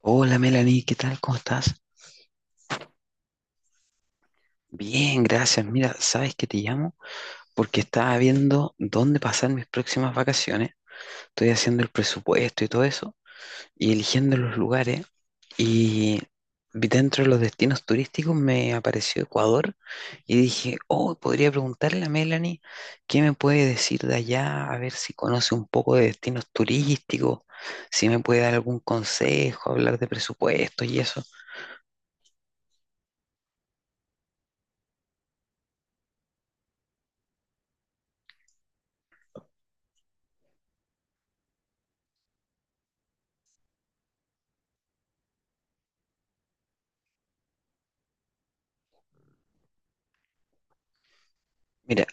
Hola Melanie, ¿qué tal? ¿Cómo estás? Bien, gracias. Mira, sabes que te llamo porque estaba viendo dónde pasar mis próximas vacaciones. Estoy haciendo el presupuesto y todo eso y eligiendo los lugares. Y vi dentro de los destinos turísticos me apareció Ecuador y dije, oh, podría preguntarle a Melanie qué me puede decir de allá, a ver si conoce un poco de destinos turísticos, si me puede dar algún consejo, hablar de presupuestos y eso. Mira.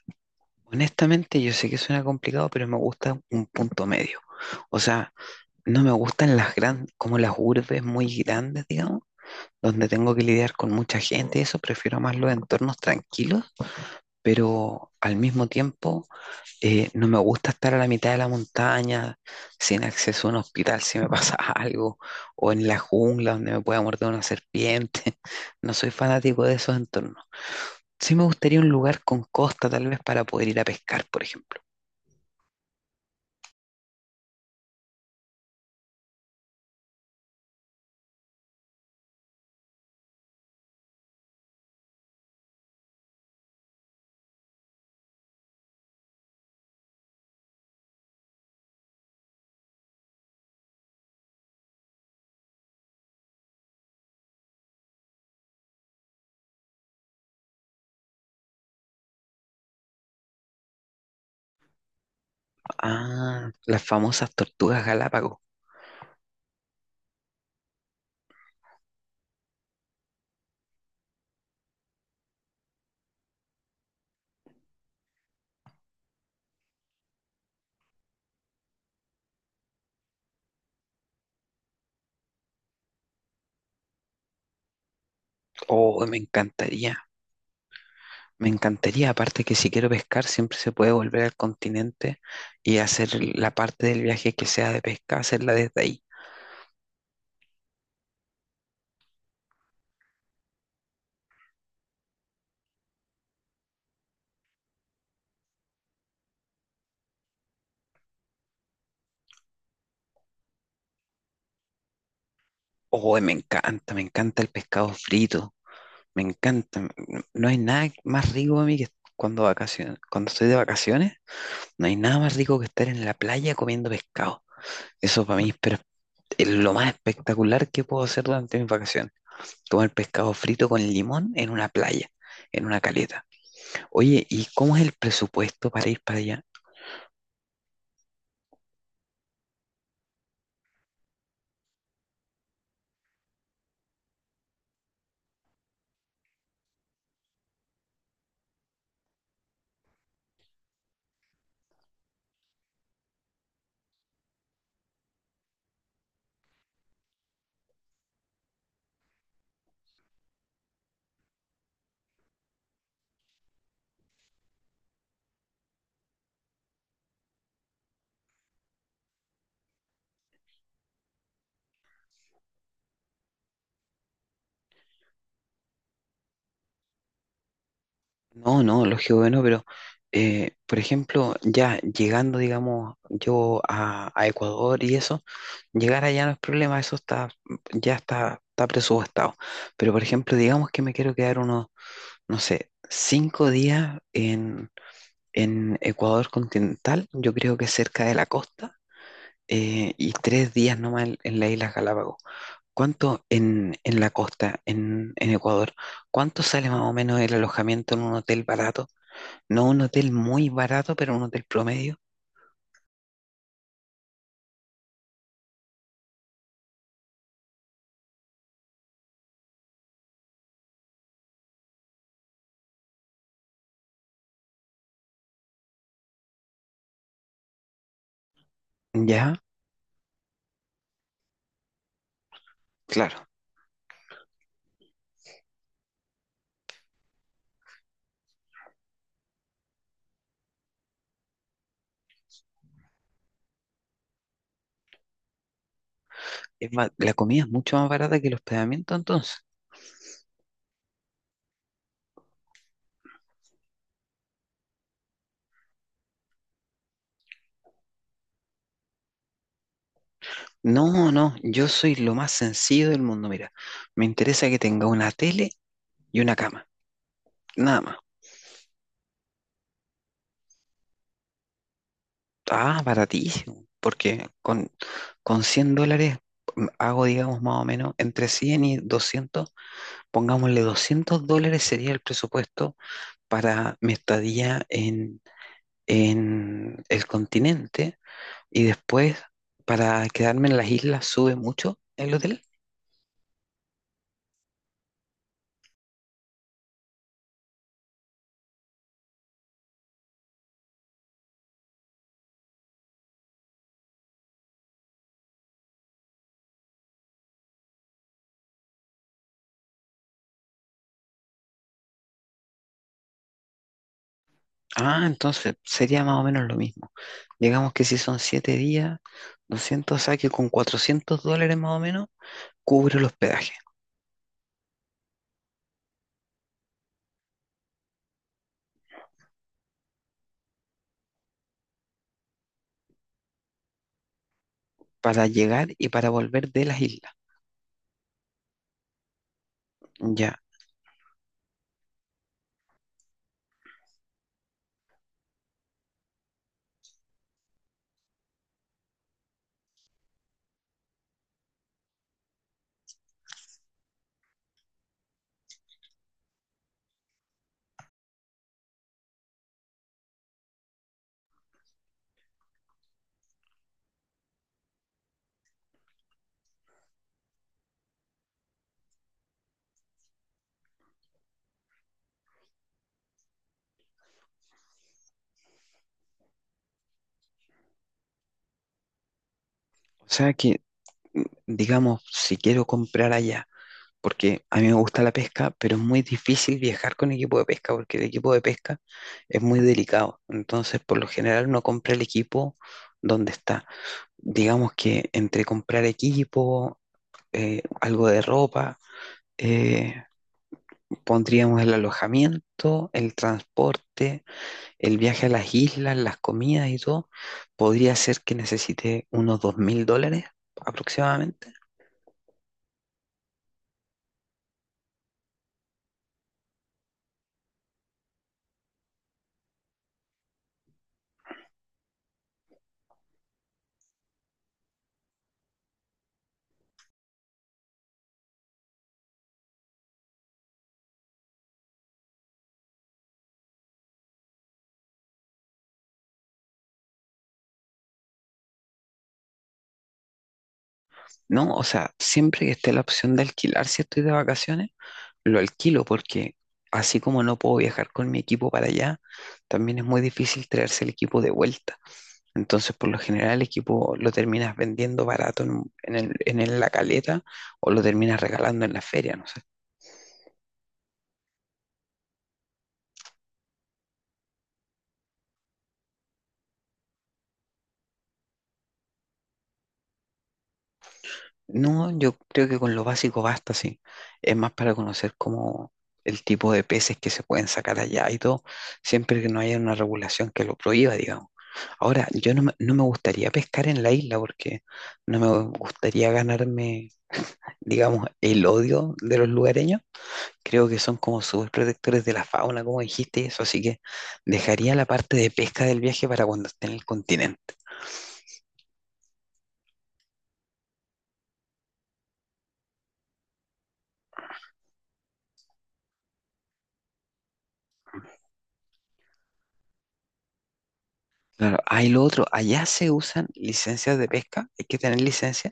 Honestamente, yo sé que suena complicado, pero me gusta un punto medio. O sea, no me gustan las grandes, como las urbes muy grandes, digamos, donde tengo que lidiar con mucha gente y eso, prefiero más los entornos tranquilos, pero al mismo tiempo no me gusta estar a la mitad de la montaña, sin acceso a un hospital si me pasa algo, o en la jungla donde me pueda morder una serpiente. No soy fanático de esos entornos. Sí me gustaría un lugar con costa, tal vez, para poder ir a pescar, por ejemplo. Ah, las famosas tortugas Galápagos. Oh, me encantaría, me encantaría. Aparte que si quiero pescar, siempre se puede volver al continente y hacer la parte del viaje que sea de pesca, hacerla desde ahí. Oh, me encanta el pescado frito, me encanta. No hay nada más rico a mí que cuando cuando estoy de vacaciones, no hay nada más rico que estar en la playa comiendo pescado. Eso para mí es lo más espectacular que puedo hacer durante mis vacaciones. Comer pescado frito con limón en una playa, en una caleta. Oye, ¿y cómo es el presupuesto para ir para allá? No, no, lógico que no, pero por ejemplo, ya llegando, digamos, yo a Ecuador y eso, llegar allá no es problema, eso está, ya está presupuestado. Pero por ejemplo, digamos que me quiero quedar unos, no sé, 5 días en Ecuador continental, yo creo que cerca de la costa y 3 días nomás en las Islas Galápagos. ¿Cuánto en la costa, en Ecuador? ¿Cuánto sale más o menos el alojamiento en un hotel barato? No un hotel muy barato, pero un hotel promedio. Ya, claro. Es más, la comida es mucho más barata que el hospedamiento entonces. No, no, yo soy lo más sencillo del mundo. Mira, me interesa que tenga una tele y una cama, nada más. Ah, baratísimo, porque con $100 hago, digamos, más o menos entre 100 y 200, pongámosle $200 sería el presupuesto para mi estadía en el continente y después para quedarme en las islas sube mucho el hotel. Ah, entonces sería más o menos lo mismo. Digamos que si son 7 días, 200 saque con $400 más o menos, cubre el hospedaje para llegar y para volver de las islas. Ya, o sea que, digamos, si quiero comprar allá, porque a mí me gusta la pesca, pero es muy difícil viajar con equipo de pesca, porque el equipo de pesca es muy delicado. Entonces, por lo general, uno compra el equipo donde está. Digamos que entre comprar equipo, algo de ropa, eh, pondríamos el alojamiento, el transporte, el viaje a las islas, las comidas y todo. Podría ser que necesite unos $2,000 aproximadamente. No, o sea, siempre que esté la opción de alquilar si estoy de vacaciones, lo alquilo porque así como no puedo viajar con mi equipo para allá, también es muy difícil traerse el equipo de vuelta. Entonces, por lo general, el equipo lo terminas vendiendo barato en, un- en el- la caleta o lo terminas regalando en la feria, ¿no? No, yo creo que con lo básico basta, sí. Es más para conocer como el tipo de peces que se pueden sacar allá y todo, siempre que no haya una regulación que lo prohíba, digamos. Ahora, yo no me gustaría pescar en la isla porque no me gustaría ganarme, digamos, el odio de los lugareños. Creo que son como súper protectores de la fauna, como dijiste, y eso, así que dejaría la parte de pesca del viaje para cuando esté en el continente. Claro, hay lo otro, allá se usan licencias de pesca, hay que tener licencia.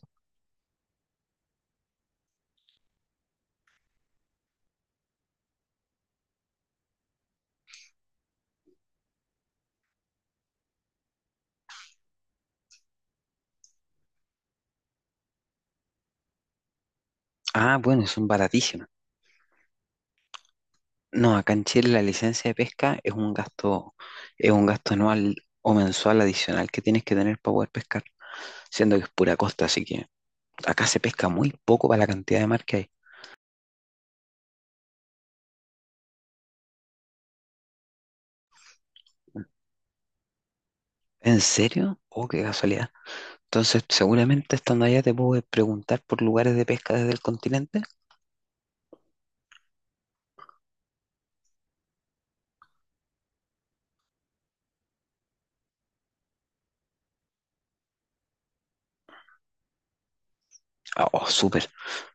Ah, bueno, son baratísimas. No, acá en Chile la licencia de pesca es un gasto anual o mensual adicional que tienes que tener para poder pescar, siendo que es pura costa, así que acá se pesca muy poco para la cantidad de mar que hay. ¿En serio? Oh, qué casualidad. Entonces, seguramente estando allá te puedo preguntar por lugares de pesca desde el continente. Ah, oh, súper.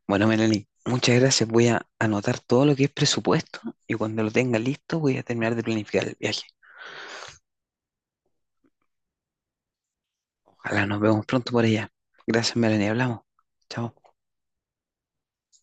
Bueno, Melanie, muchas gracias. Voy a anotar todo lo que es presupuesto y cuando lo tenga listo voy a terminar de planificar el viaje. Ojalá nos vemos pronto por allá. Gracias, Melanie. Hablamos. Chao.